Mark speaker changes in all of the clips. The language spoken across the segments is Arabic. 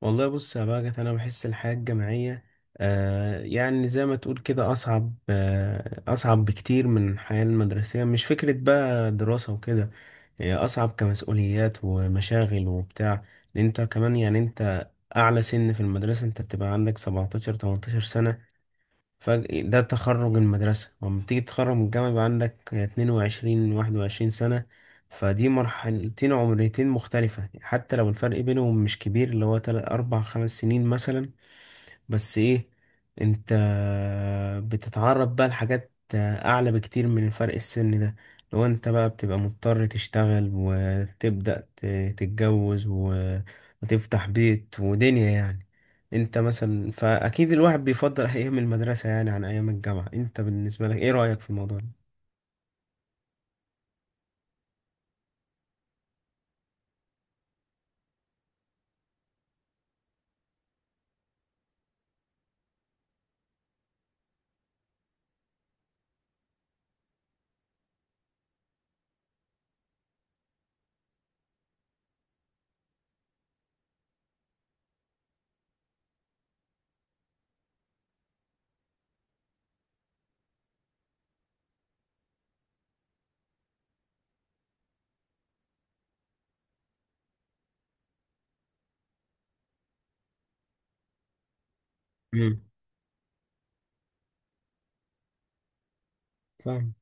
Speaker 1: والله بص يا باجت انا بحس الحياه الجامعيه يعني زي ما تقول كده اصعب، اصعب بكتير من الحياه المدرسيه. مش فكره بقى دراسه وكده، هي اصعب كمسؤوليات ومشاغل وبتاع. لأن انت كمان، يعني اعلى سن في المدرسه انت بتبقى عندك 17 18 سنه، فجأة ده تخرج المدرسة. ولما تيجي تتخرج من الجامعة يبقى عندك 22 21 سنة. فدي مرحلتين عمريتين مختلفة حتى لو الفرق بينهم مش كبير، اللي هو 3 4 5 سنين مثلا. بس ايه، انت بتتعرض بقى لحاجات اعلى بكتير من الفرق السن ده، لو انت بقى بتبقى مضطر تشتغل وتبدأ تتجوز وتفتح بيت ودنيا يعني. انت مثلا، فاكيد الواحد بيفضل ايام المدرسة يعني عن ايام الجامعة. انت بالنسبة لك ايه رأيك في الموضوع ده؟ امم، فاهم.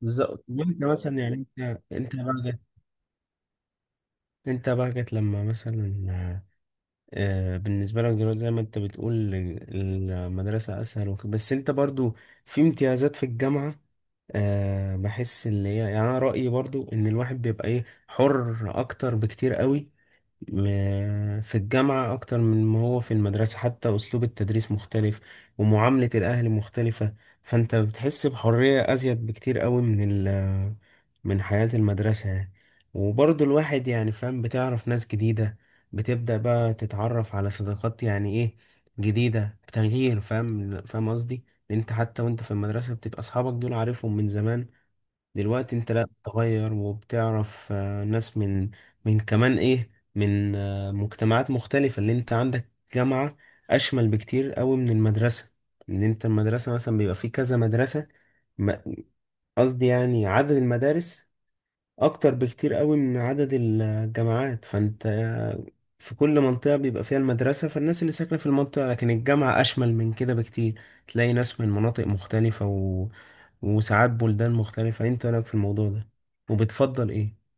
Speaker 1: بالظبط. وانت مثلا يعني انت بقى جت، انت بقى جت لما مثلا بالنسبة لك دلوقتي زي ما انت بتقول المدرسة أسهل وكده. بس انت برضو في امتيازات في الجامعة. أه بحس اللي هي يعني، أنا رأيي برضو إن الواحد بيبقى إيه، حر أكتر بكتير قوي في الجامعة أكتر من ما هو في المدرسة. حتى أسلوب التدريس مختلف ومعاملة الأهل مختلفة. فأنت بتحس بحرية أزيد بكتير قوي من من حياة المدرسة يعني. وبرضه الواحد يعني فاهم، بتعرف ناس جديدة، بتبدأ بقى تتعرف على صداقات يعني إيه، جديدة بتغيير. فاهم فاهم قصدي؟ لأن أنت حتى وأنت في المدرسة بتبقى أصحابك دول عارفهم من زمان. دلوقتي انت لا، بتغير وبتعرف ناس من، من كمان ايه، من مجتمعات مختلفة. اللي انت عندك جامعة اشمل بكتير قوي من المدرسة. ان انت المدرسة مثلا بيبقى فيه كذا مدرسة، م- قصدي يعني عدد المدارس اكتر بكتير قوي من عدد الجامعات. فانت في كل منطقة بيبقى فيها المدرسة فالناس اللي ساكنة في المنطقة، لكن الجامعة اشمل من كده بكتير. تلاقي ناس من مناطق مختلفة وساعات بلدان مختلفة. انت رأيك في الموضوع ده؟ وبتفضل ايه؟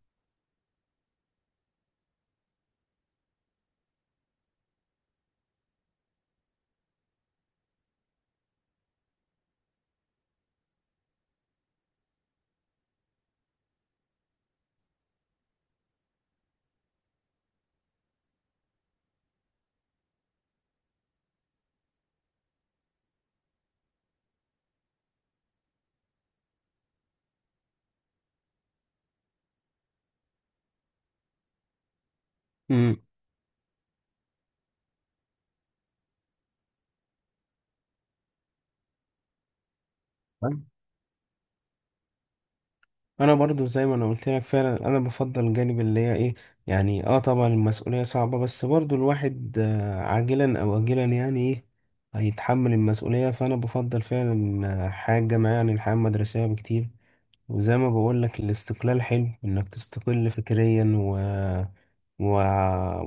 Speaker 1: مم. انا برضو زي ما انا قلت لك فعلا، انا بفضل الجانب اللي هي ايه، يعني اه طبعا المسؤولية صعبة، بس برضو الواحد عاجلا او اجلا يعني ايه، هيتحمل المسؤولية. فانا بفضل فعلا حياة جامعية عن الحياة المدرسية بكتير. وزي ما بقول لك، الاستقلال حلو انك تستقل فكريا و...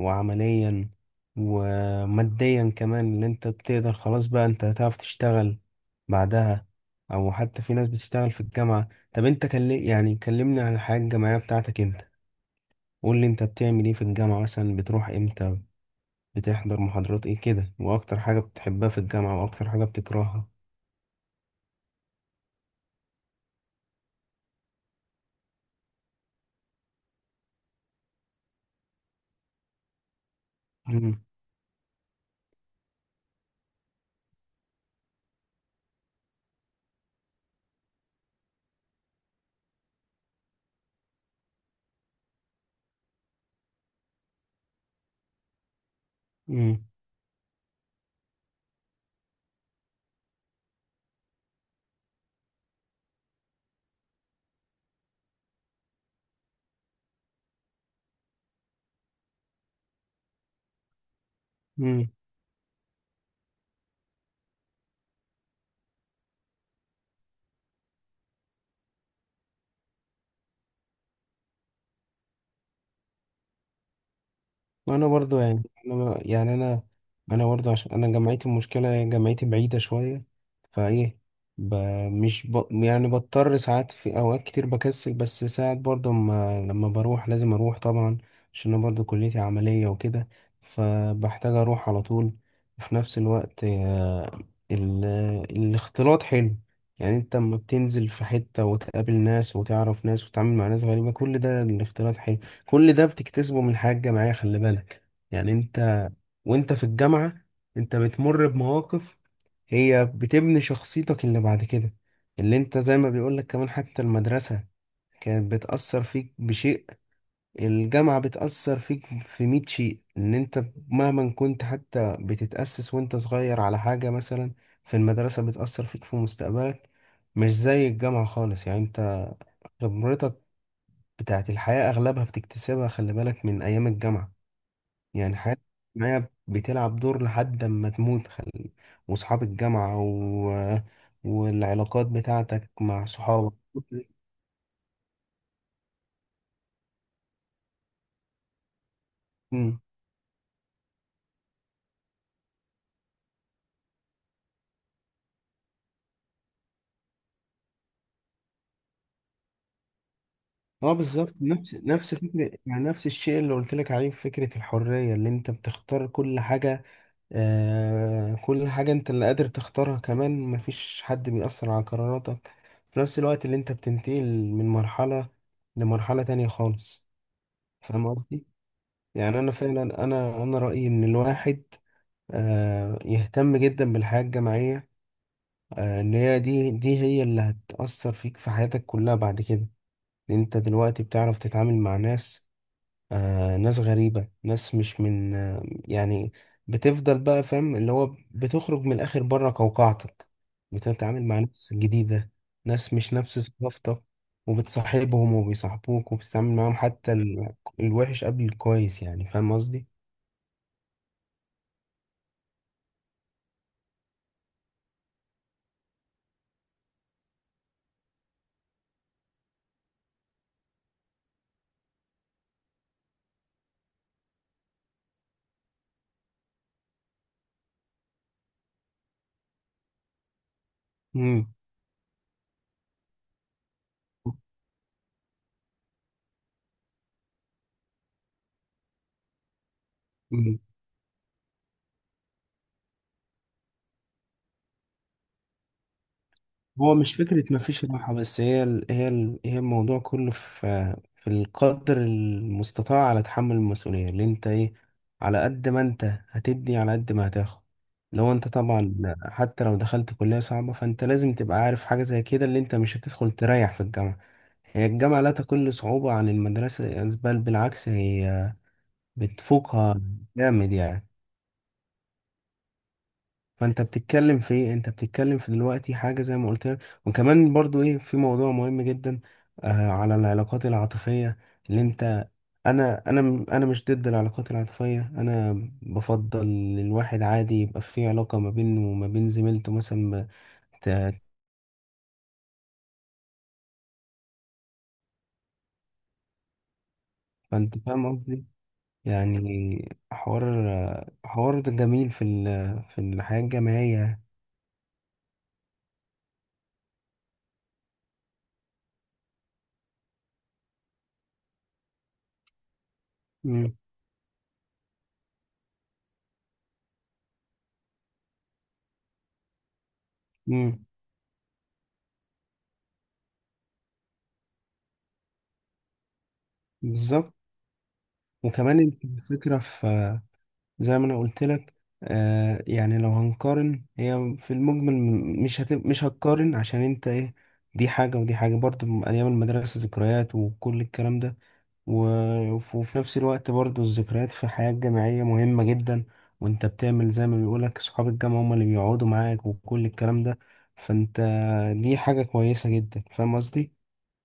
Speaker 1: وعمليا وماديا كمان. اللي انت بتقدر، خلاص بقى انت هتعرف تشتغل بعدها، او حتى في ناس بتشتغل في الجامعة. طب انت يعني كلمني عن الحياة الجامعية بتاعتك انت. قول لي انت بتعمل ايه في الجامعة، مثلا بتروح امتى، بتحضر محاضرات ايه كده، واكتر حاجة بتحبها في الجامعة واكتر حاجة بتكرهها؟ امم. انا برضو يعني انا ما- يعني انا انا برضو عشان انا جامعتي، المشكله هي جامعتي بعيده شويه. فايه، ب... مش ب... يعني بضطر ساعات، في اوقات كتير بكسل، بس ساعات برضو ما... لما بروح لازم اروح طبعا، عشان انا برضو كليتي عمليه وكده، فبحتاج اروح على طول. وفي نفس الوقت ال... الاختلاط حلو. يعني انت لما بتنزل في حته وتقابل ناس وتعرف ناس وتتعامل مع ناس غريبه، كل ده الاختلاط حلو، كل ده بتكتسبه من حاجة جماعية. خلي بالك يعني، وانت في الجامعة انت بتمر بمواقف هي بتبني شخصيتك اللي بعد كده. اللي انت زي ما بيقولك، كمان حتى المدرسة كانت بتأثر فيك بشيء، الجامعة بتأثر فيك في 100 شيء. ان انت مهما كنت حتى بتتأسس وانت صغير على حاجة مثلا في المدرسة، بتأثر فيك في مستقبلك، مش زي الجامعة خالص. يعني انت خبرتك بتاعت الحياة أغلبها بتكتسبها، خلي بالك، من أيام الجامعة. يعني حياتك معايا بتلعب دور لحد ما تموت وصحاب الجامعة والعلاقات بتاعتك مع صحابك. امم. اه بالظبط، نفس فكرة، يعني نفس الشيء اللي قلت لك عليه في فكرة الحرية، اللي انت بتختار كل حاجة. آه كل حاجة انت اللي قادر تختارها، كمان مفيش حد بيأثر على قراراتك. في نفس الوقت اللي انت بتنتقل من مرحلة لمرحلة تانية خالص. فاهم قصدي؟ يعني انا فعلا انا رأيي ان الواحد يهتم جدا بالحياة الجماعية. ان هي دي هي اللي هتأثر فيك في حياتك كلها بعد كده. إن انت دلوقتي بتعرف تتعامل مع ناس، ناس غريبة، ناس مش من يعني، بتفضل بقى فاهم، اللي هو بتخرج من الآخر بره قوقعتك. بتتعامل مع ناس جديدة، ناس مش نفس ثقافتك، وبتصاحبهم وبيصاحبوك وبتتعامل معاهم حتى الوحش قبل الكويس. يعني فاهم قصدي؟ مم. هو مش فكرة مفيش راحة، بس هي هي الموضوع كله في في القدر المستطاع على تحمل المسؤولية. اللي انت ايه، على قد ما انت هتدي على قد ما هتاخد. لو انت طبعا حتى لو دخلت كلية صعبة، فانت لازم تبقى عارف حاجة زي كده، اللي انت مش هتدخل تريح في الجامعة. هي الجامعة لا تقل صعوبة عن المدرسة، بل بالعكس هي بتفوقها، جامد يعني. فانت بتتكلم في ايه، انت بتتكلم في دلوقتي حاجه زي ما قلت لك. وكمان برضو ايه، في موضوع مهم جدا على العلاقات العاطفيه، اللي انت انا مش ضد العلاقات العاطفيه. انا بفضل الواحد عادي يبقى في علاقه ما بينه وما بين زميلته مثلا ما ت- فانت فاهم قصدي. يعني حوار ده جميل في في الحياه الجامعيه. امم، بالظبط. وكمان الفكره في، زي ما انا قلت لك، يعني لو هنقارن، هي في المجمل مش هتقارن، عشان انت ايه، دي حاجة ودي حاجة، برضه من أيام المدرسة ذكريات وكل الكلام ده. و... وفي نفس الوقت برضه الذكريات في الحياة الجامعية مهمة جدا، وانت بتعمل زي ما بيقولك صحاب الجامعة هم اللي بيقعدوا معاك وكل الكلام ده. فانت دي حاجة كويسة جدا. فاهم قصدي؟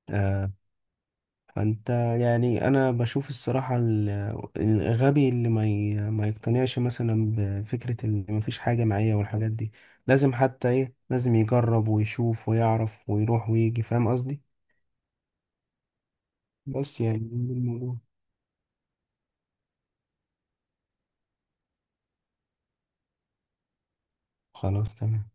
Speaker 1: آه، فانت، يعني انا بشوف الصراحة الغبي اللي ما يقتنعش مثلا بفكرة اللي ما فيش حاجة معايا والحاجات دي، لازم حتى ايه، لازم يجرب ويشوف ويعرف ويروح ويجي. فاهم قصدي؟ بس يعني ده الموضوع. خلاص تمام.